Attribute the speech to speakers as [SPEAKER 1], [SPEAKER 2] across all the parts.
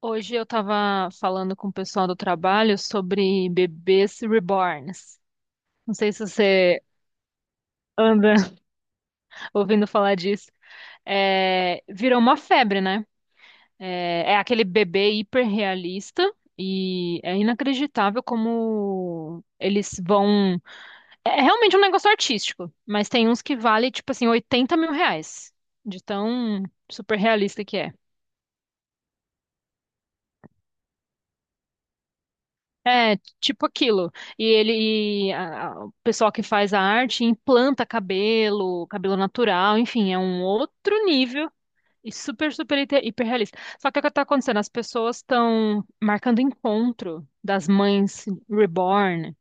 [SPEAKER 1] Hoje eu estava falando com o pessoal do trabalho sobre bebês reborns. Não sei se você anda ouvindo falar disso. É, virou uma febre, né? É aquele bebê hiperrealista e é inacreditável como eles vão. É realmente um negócio artístico, mas tem uns que vale tipo assim 80 mil reais de tão super realista que é. É, tipo aquilo. E ele, e a- o pessoal que faz a arte implanta cabelo, cabelo natural, enfim, é um outro nível e super, super hiperrealista. Só que o que está acontecendo? As pessoas estão marcando encontro das mães reborn.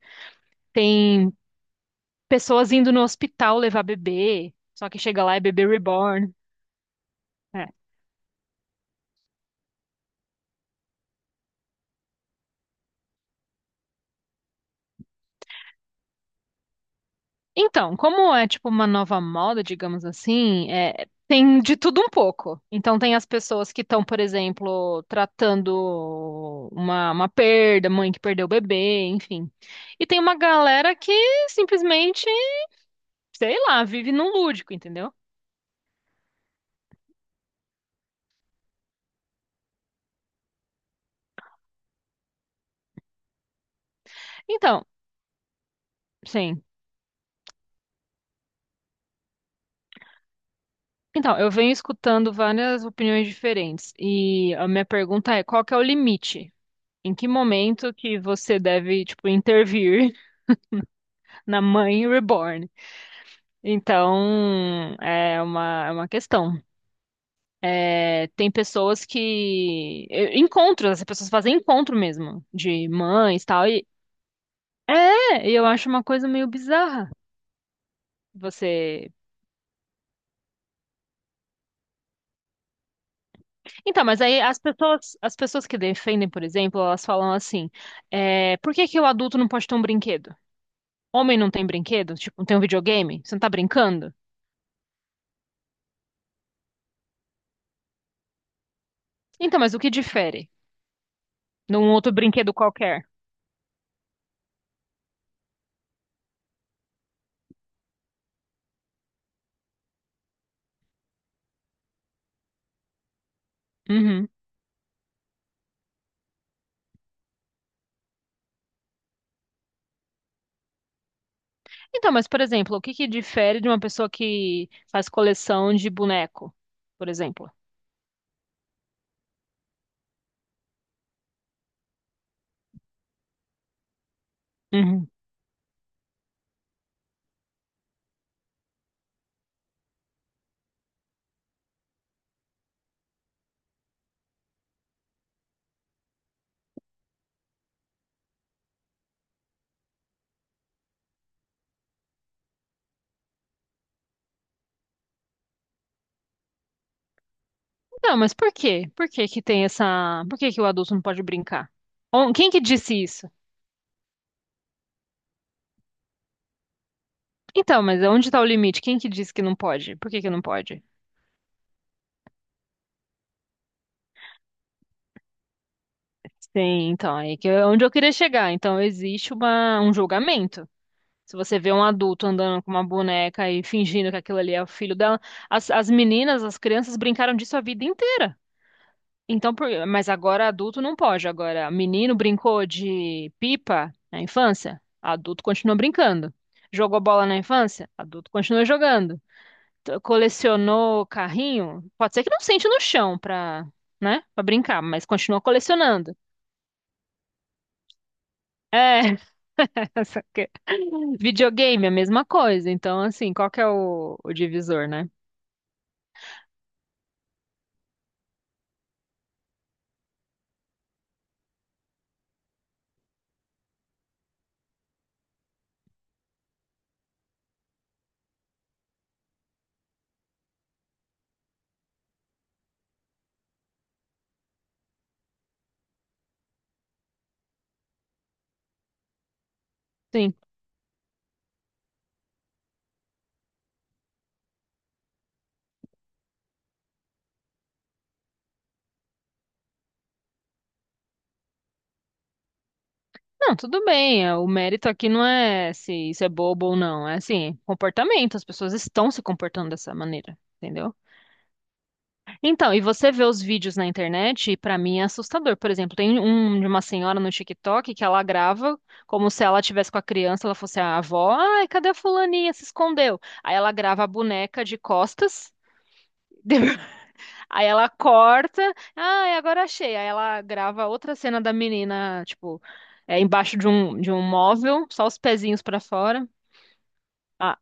[SPEAKER 1] Tem pessoas indo no hospital levar bebê, só que chega lá é bebê reborn. É. Então, como é tipo uma nova moda, digamos assim, tem de tudo um pouco. Então, tem as pessoas que estão, por exemplo, tratando uma perda, mãe que perdeu o bebê, enfim. E tem uma galera que simplesmente, sei lá, vive num lúdico, entendeu? Então, sim. Então, eu venho escutando várias opiniões diferentes. E a minha pergunta é: qual que é o limite? Em que momento que você deve, tipo, intervir na mãe reborn? Então, é uma questão. É, tem pessoas. Encontros, as pessoas fazem encontro mesmo, de mães e tal. E eu acho uma coisa meio bizarra. Você. Então, mas aí as pessoas, que defendem, por exemplo, elas falam assim: por que que o adulto não pode ter um brinquedo? Homem não tem brinquedo? Tipo, não tem um videogame? Você não tá brincando? Então, mas o que difere num outro brinquedo qualquer? Uhum. Então, mas, por exemplo, o que que difere de uma pessoa que faz coleção de boneco, por exemplo? Uhum. Não, mas por quê? Por que que tem essa... Por que que o adulto não pode brincar? Quem que disse isso? Então, mas onde está o limite? Quem que disse que não pode? Por que que não pode? Sim, então, aí que é onde eu queria chegar. Então, existe uma, um julgamento. Se você vê um adulto andando com uma boneca e fingindo que aquilo ali é o filho dela, as meninas, as crianças brincaram disso a vida inteira. Então, mas agora adulto não pode. Agora, menino brincou de pipa na infância, adulto continua brincando. Jogou bola na infância, adulto continua jogando. Colecionou carrinho, pode ser que não sente no chão pra, né, para brincar, mas continua colecionando. É, só que- videogame é a mesma coisa. Então, assim, qual que é o divisor, né? Sim. Não, tudo bem. O mérito aqui não é se isso é bobo ou não. É assim, comportamento. As pessoas estão se comportando dessa maneira, entendeu? Então, e você vê os vídeos na internet, e pra mim é assustador. Por exemplo, tem um de uma senhora no TikTok que ela grava como se ela tivesse com a criança, ela fosse a avó. Ai, cadê a fulaninha? Se escondeu. Aí ela grava a boneca de costas. Aí ela corta, ah, agora achei. Aí ela grava outra cena da menina, tipo, embaixo de um móvel, só os pezinhos pra fora. Ah,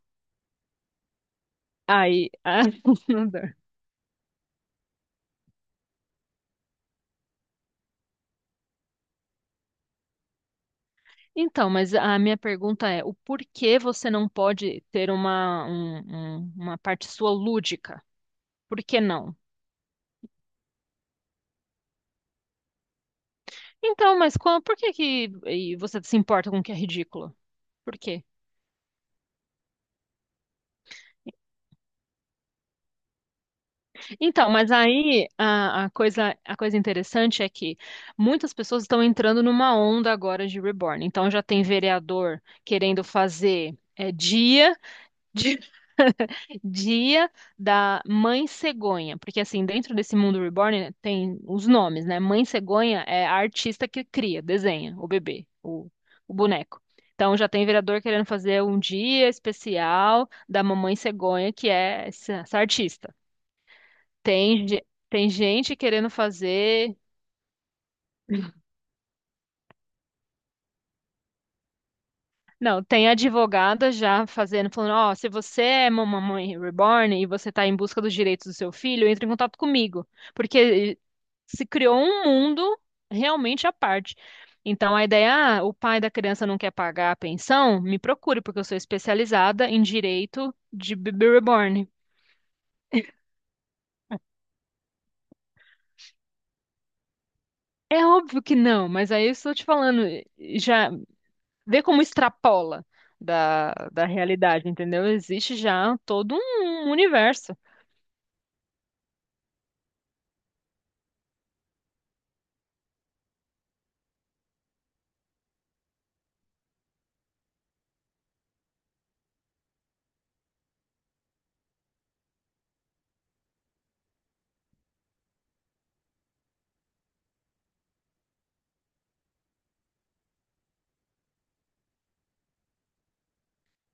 [SPEAKER 1] aí, ah, não dá. Então, mas a minha pergunta é, o porquê você não pode ter uma parte sua lúdica? Por que não? Então, mas qual, por que que e você se importa com o que é ridículo? Por quê? Então, mas aí a coisa interessante é que muitas pessoas estão entrando numa onda agora de reborn. Então já tem vereador querendo fazer dia de- dia da mãe cegonha, porque assim dentro desse mundo reborn, né, tem os nomes, né? Mãe cegonha é a artista que cria, desenha o bebê, o boneco. Então já tem vereador querendo fazer um dia especial da mamãe cegonha, que é essa artista. Tem gente querendo fazer. Não, tem advogada já fazendo, falando: ó, se você é uma mamãe reborn e você está em busca dos direitos do seu filho, entre em contato comigo. Porque se criou um mundo realmente à parte. Então a ideia, ah, o pai da criança não quer pagar a pensão, me procure, porque eu sou especializada em direito de bebê reborn. É óbvio que não, mas aí eu estou te falando, já vê como extrapola da realidade, entendeu? Existe já todo um universo.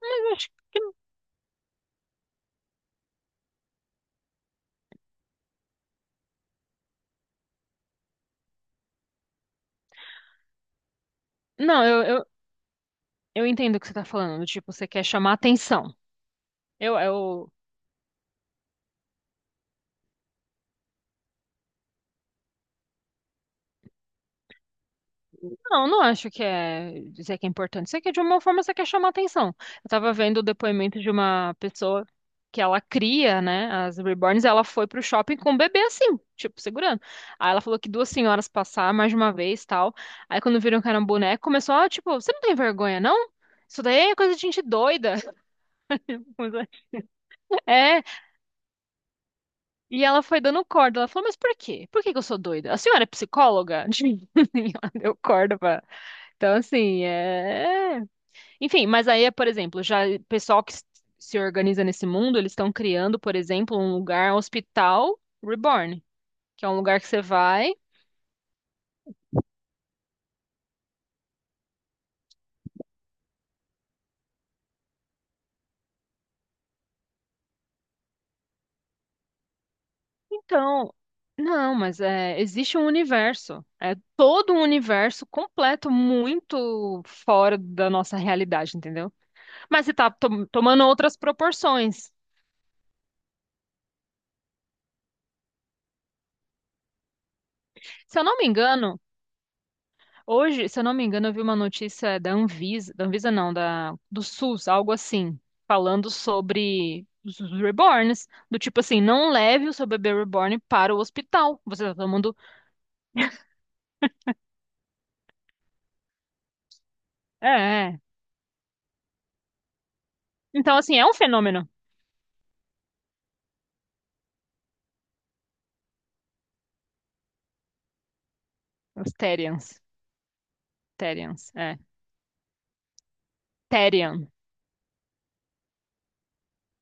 [SPEAKER 1] Mas eu acho que. Não, eu entendo o que você tá falando. Tipo, você quer chamar atenção. Eu, eu, Não, não acho que é dizer que é importante. Isso aqui, de uma forma, você quer chamar atenção. Eu tava vendo o depoimento de uma pessoa que ela cria, né, as reborns, e ela foi pro shopping com o bebê assim, tipo, segurando. Aí ela falou que duas senhoras passaram mais de uma vez, tal. Aí quando viram que era um boneco, começou, ah, tipo, você não tem vergonha, não? Isso daí é coisa de gente doida. É, e ela foi dando corda. Ela falou, mas por quê? Por que que eu sou doida? A senhora é psicóloga? E ela deu corda pra... Então, assim, é. Enfim, mas aí, por exemplo, já o pessoal que se organiza nesse mundo, eles estão criando, por exemplo, um lugar, um hospital reborn, que é um lugar que você vai. Então, não, mas existe um universo. É todo um universo completo, muito fora da nossa realidade, entendeu? Mas você tá tomando outras proporções. Se eu não me engano, Hoje, se eu não me engano, eu vi uma notícia da Anvisa não, da, do SUS, algo assim, falando sobre os reborns, do tipo assim, não leve o seu bebê reborn para o hospital. Você tá tomando. É. É. Então, assim, é um fenômeno. Os terians, Therians, é. Therian.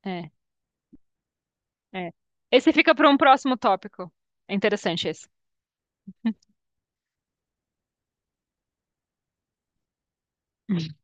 [SPEAKER 1] É, é. Esse fica para um próximo tópico. É interessante esse.